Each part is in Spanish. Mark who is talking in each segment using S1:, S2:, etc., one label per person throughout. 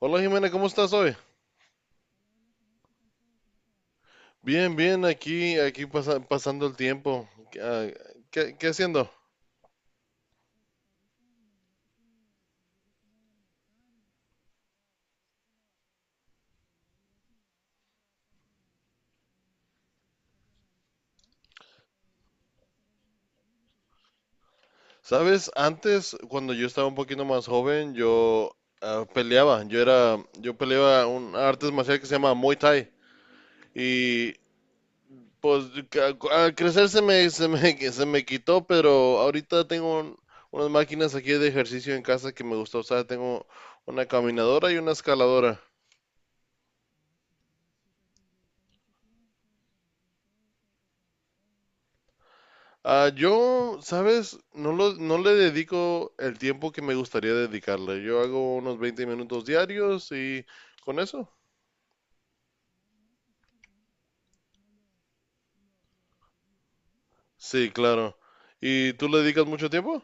S1: Hola Jimena, ¿cómo estás hoy? Bien, bien, aquí pasando el tiempo. Ah, ¿Qué haciendo? Sabes, antes, cuando yo estaba un poquito más joven, peleaba. Yo peleaba un arte marcial que se llama Muay Thai. Y pues al crecer se me quitó, pero ahorita tengo unas máquinas aquí de ejercicio en casa que me gusta usar. Tengo una caminadora y una escaladora. Ah, yo, ¿sabes? No le dedico el tiempo que me gustaría dedicarle. Yo hago unos 20 minutos diarios y con eso. Sí, claro. ¿Y tú le dedicas mucho tiempo?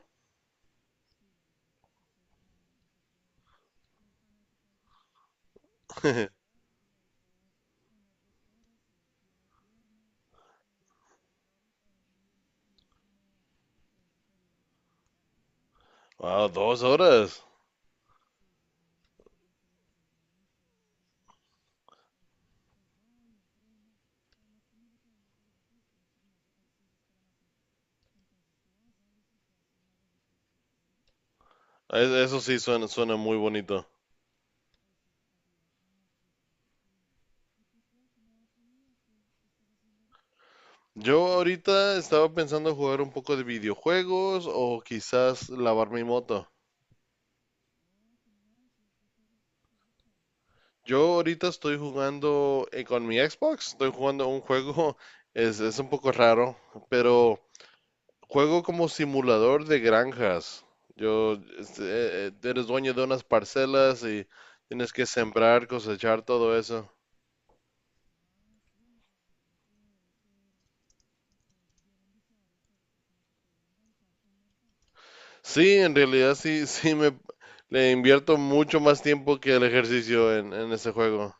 S1: Wow, dos horas. Eso sí suena, suena muy bonito. Yo ahorita estaba pensando jugar un poco de videojuegos o quizás lavar mi moto. Yo ahorita estoy jugando con mi Xbox, estoy jugando un juego, es un poco raro, pero juego como simulador de granjas. Eres dueño de unas parcelas y tienes que sembrar, cosechar, todo eso. Sí, en realidad sí, sí me le invierto mucho más tiempo que el ejercicio en ese juego.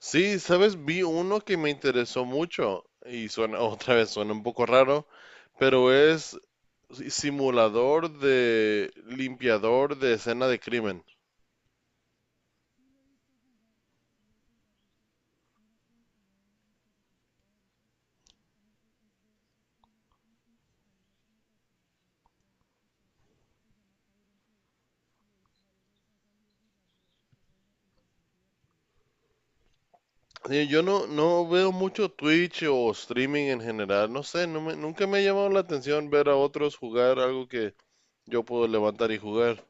S1: Sí, sabes, vi uno que me interesó mucho y suena otra vez, suena un poco raro, pero es simulador de limpiador de escena de crimen. Sí, yo no, no veo mucho Twitch o streaming en general, no sé, nunca me ha llamado la atención ver a otros jugar algo que yo puedo levantar y jugar.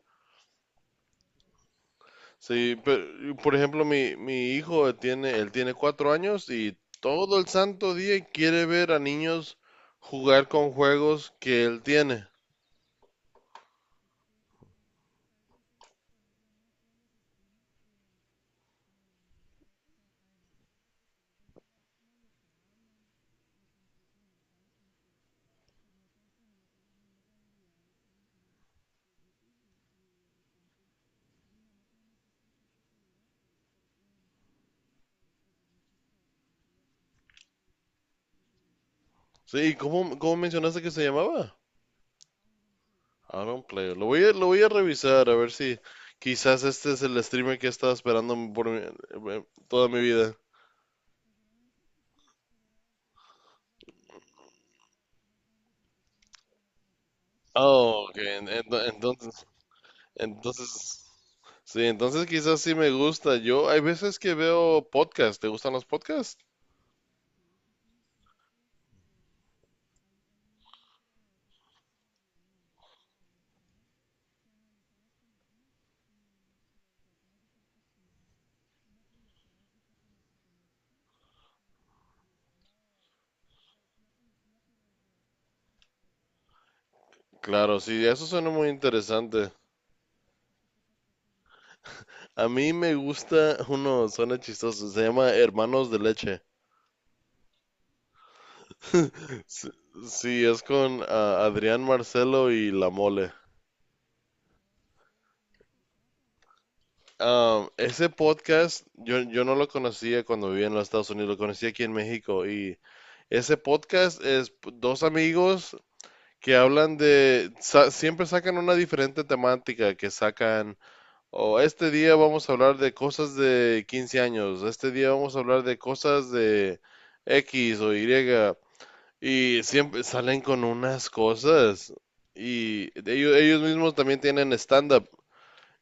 S1: Sí, pero, por ejemplo, mi hijo tiene, él tiene cuatro años y todo el santo día quiere ver a niños jugar con juegos que él tiene. Sí, ¿cómo, cómo mencionaste que se llamaba? Aaron Player. Lo voy a revisar a ver si quizás este es el streamer que he estado esperando por toda mi vida. Oh, ok, entonces, sí, entonces quizás sí me gusta. Yo hay veces que veo podcasts. ¿Te gustan los podcasts? Claro, sí, eso suena muy interesante. A mí me gusta uno, suena chistoso, se llama Hermanos de Leche. Sí, sí, es con Adrián Marcelo y La Mole. Um, ese podcast yo no lo conocía cuando vivía en los Estados Unidos, lo conocí aquí en México y ese podcast es dos amigos que hablan de, siempre sacan una diferente temática, que sacan, o este día vamos a hablar de cosas de 15 años, este día vamos a hablar de cosas de X o Y, y siempre salen con unas cosas, y ellos mismos también tienen stand-up,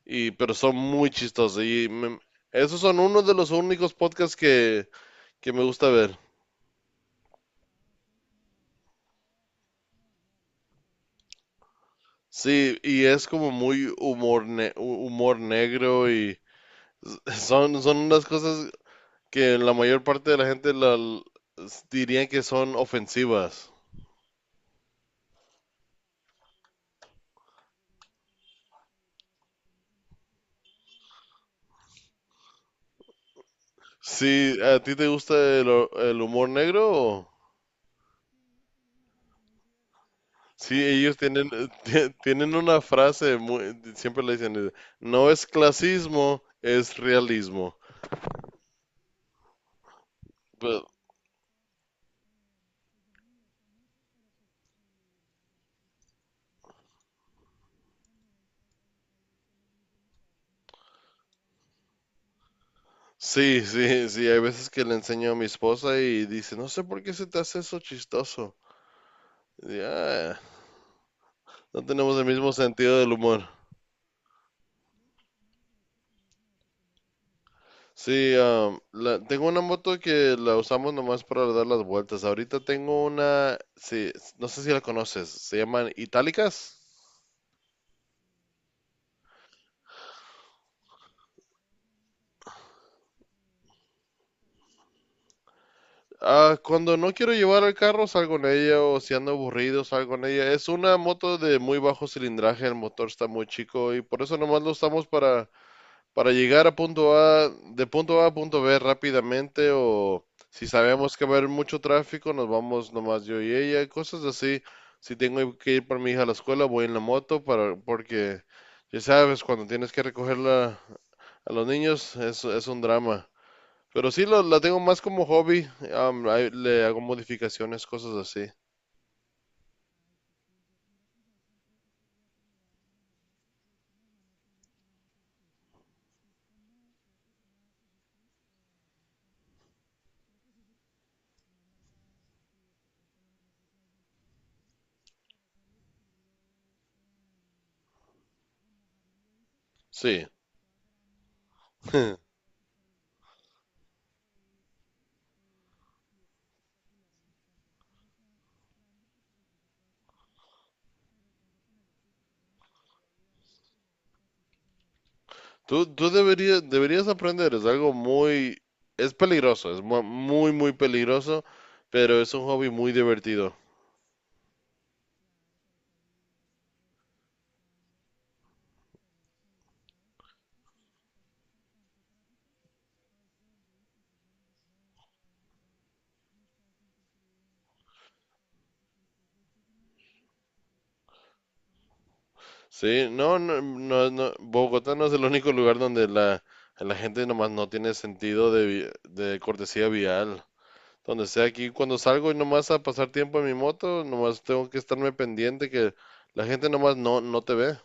S1: y, pero son muy chistosos, esos son uno de los únicos podcasts que me gusta ver. Sí, y es como muy humor, humor negro y... Son, son unas cosas que la mayor parte de la gente la, dirían que son ofensivas. Sí, ¿a ti te gusta el humor negro? O, sí, ellos tienen, tienen una frase, siempre le dicen, no es clasismo, es realismo. Pero sí, sí, sí, hay veces que le enseño a mi esposa y dice, no sé por qué se te hace eso chistoso. Y, "Ah, no tenemos el mismo sentido del humor." Sí, tengo una moto que la usamos nomás para dar las vueltas. Ahorita tengo una, sí, no sé si la conoces, se llaman Itálicas. Ah, cuando no quiero llevar el carro salgo en ella o si ando aburrido salgo en ella. Es una moto de muy bajo cilindraje, el motor está muy chico y por eso nomás lo usamos para llegar a punto A, de punto A a punto B rápidamente o si sabemos que va a haber mucho tráfico, nos vamos nomás yo y ella, cosas así. Si tengo que ir por mi hija a la escuela, voy en la moto para porque ya sabes, cuando tienes que recogerla a los niños es un drama. Pero sí la tengo más como hobby, ahí le hago modificaciones, cosas así. Sí. Tú deberías, deberías aprender, es algo muy, es peligroso, es muy, muy peligroso, pero es un hobby muy divertido. Sí, no, no, no, no, Bogotá no es el único lugar donde la gente nomás no tiene sentido de, de cortesía vial. Donde sea aquí, cuando salgo y nomás a pasar tiempo en mi moto, nomás tengo que estarme pendiente que la gente nomás no, no te ve.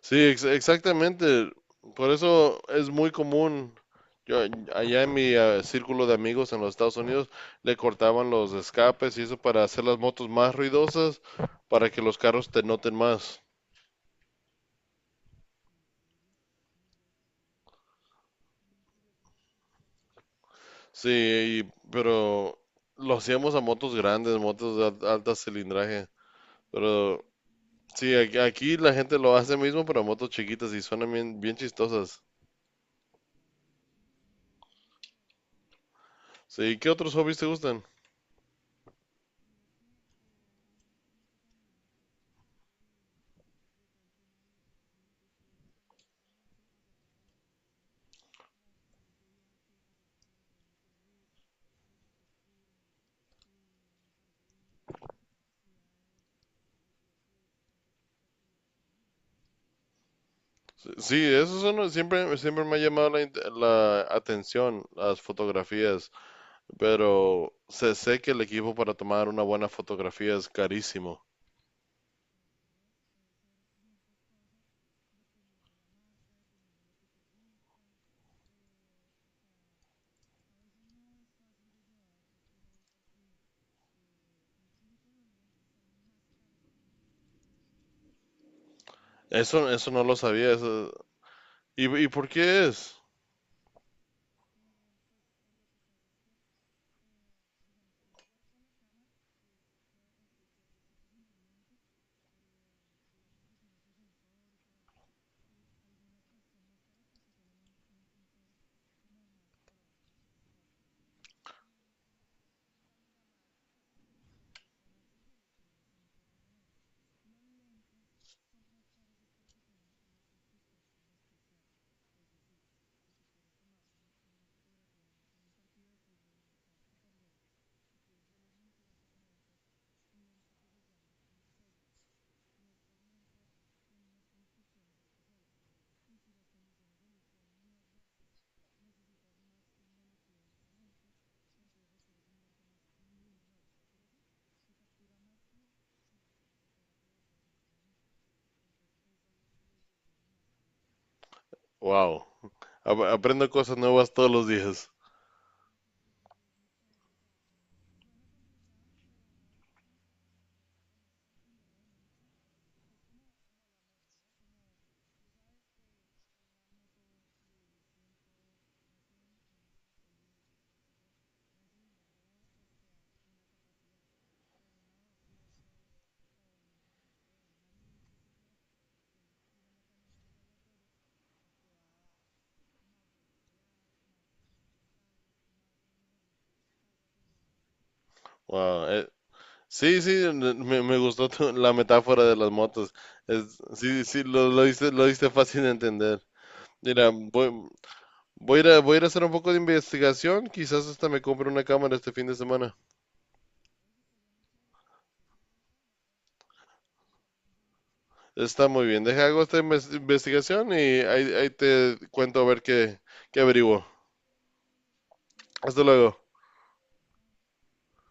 S1: Sí, exactamente. Por eso es muy común. Yo, allá en mi círculo de amigos en los Estados Unidos le cortaban los escapes y eso para hacer las motos más ruidosas, para que los carros te noten más. Sí, y pero lo hacíamos a motos grandes, motos de alta cilindraje. Pero sí, aquí la gente lo hace mismo, pero a motos chiquitas y suenan bien, bien chistosas. Sí, ¿qué otros hobbies te gustan? Sí, eso es siempre, siempre me ha llamado la atención las fotografías, pero sé, sé que el equipo para tomar una buena fotografía es carísimo. Eso no lo sabía. Eso, y por qué es? Wow. Aprendo cosas nuevas todos los días. Wow. Sí, sí, me gustó la metáfora de las motos. Es, sí, sí, lo diste fácil de entender. Mira, voy, voy a ir a, voy a ir a hacer un poco de investigación. Quizás hasta me compre una cámara este fin de semana. Está muy bien. Deja hago esta investigación y ahí, ahí te cuento a ver qué, qué averiguo. Hasta luego.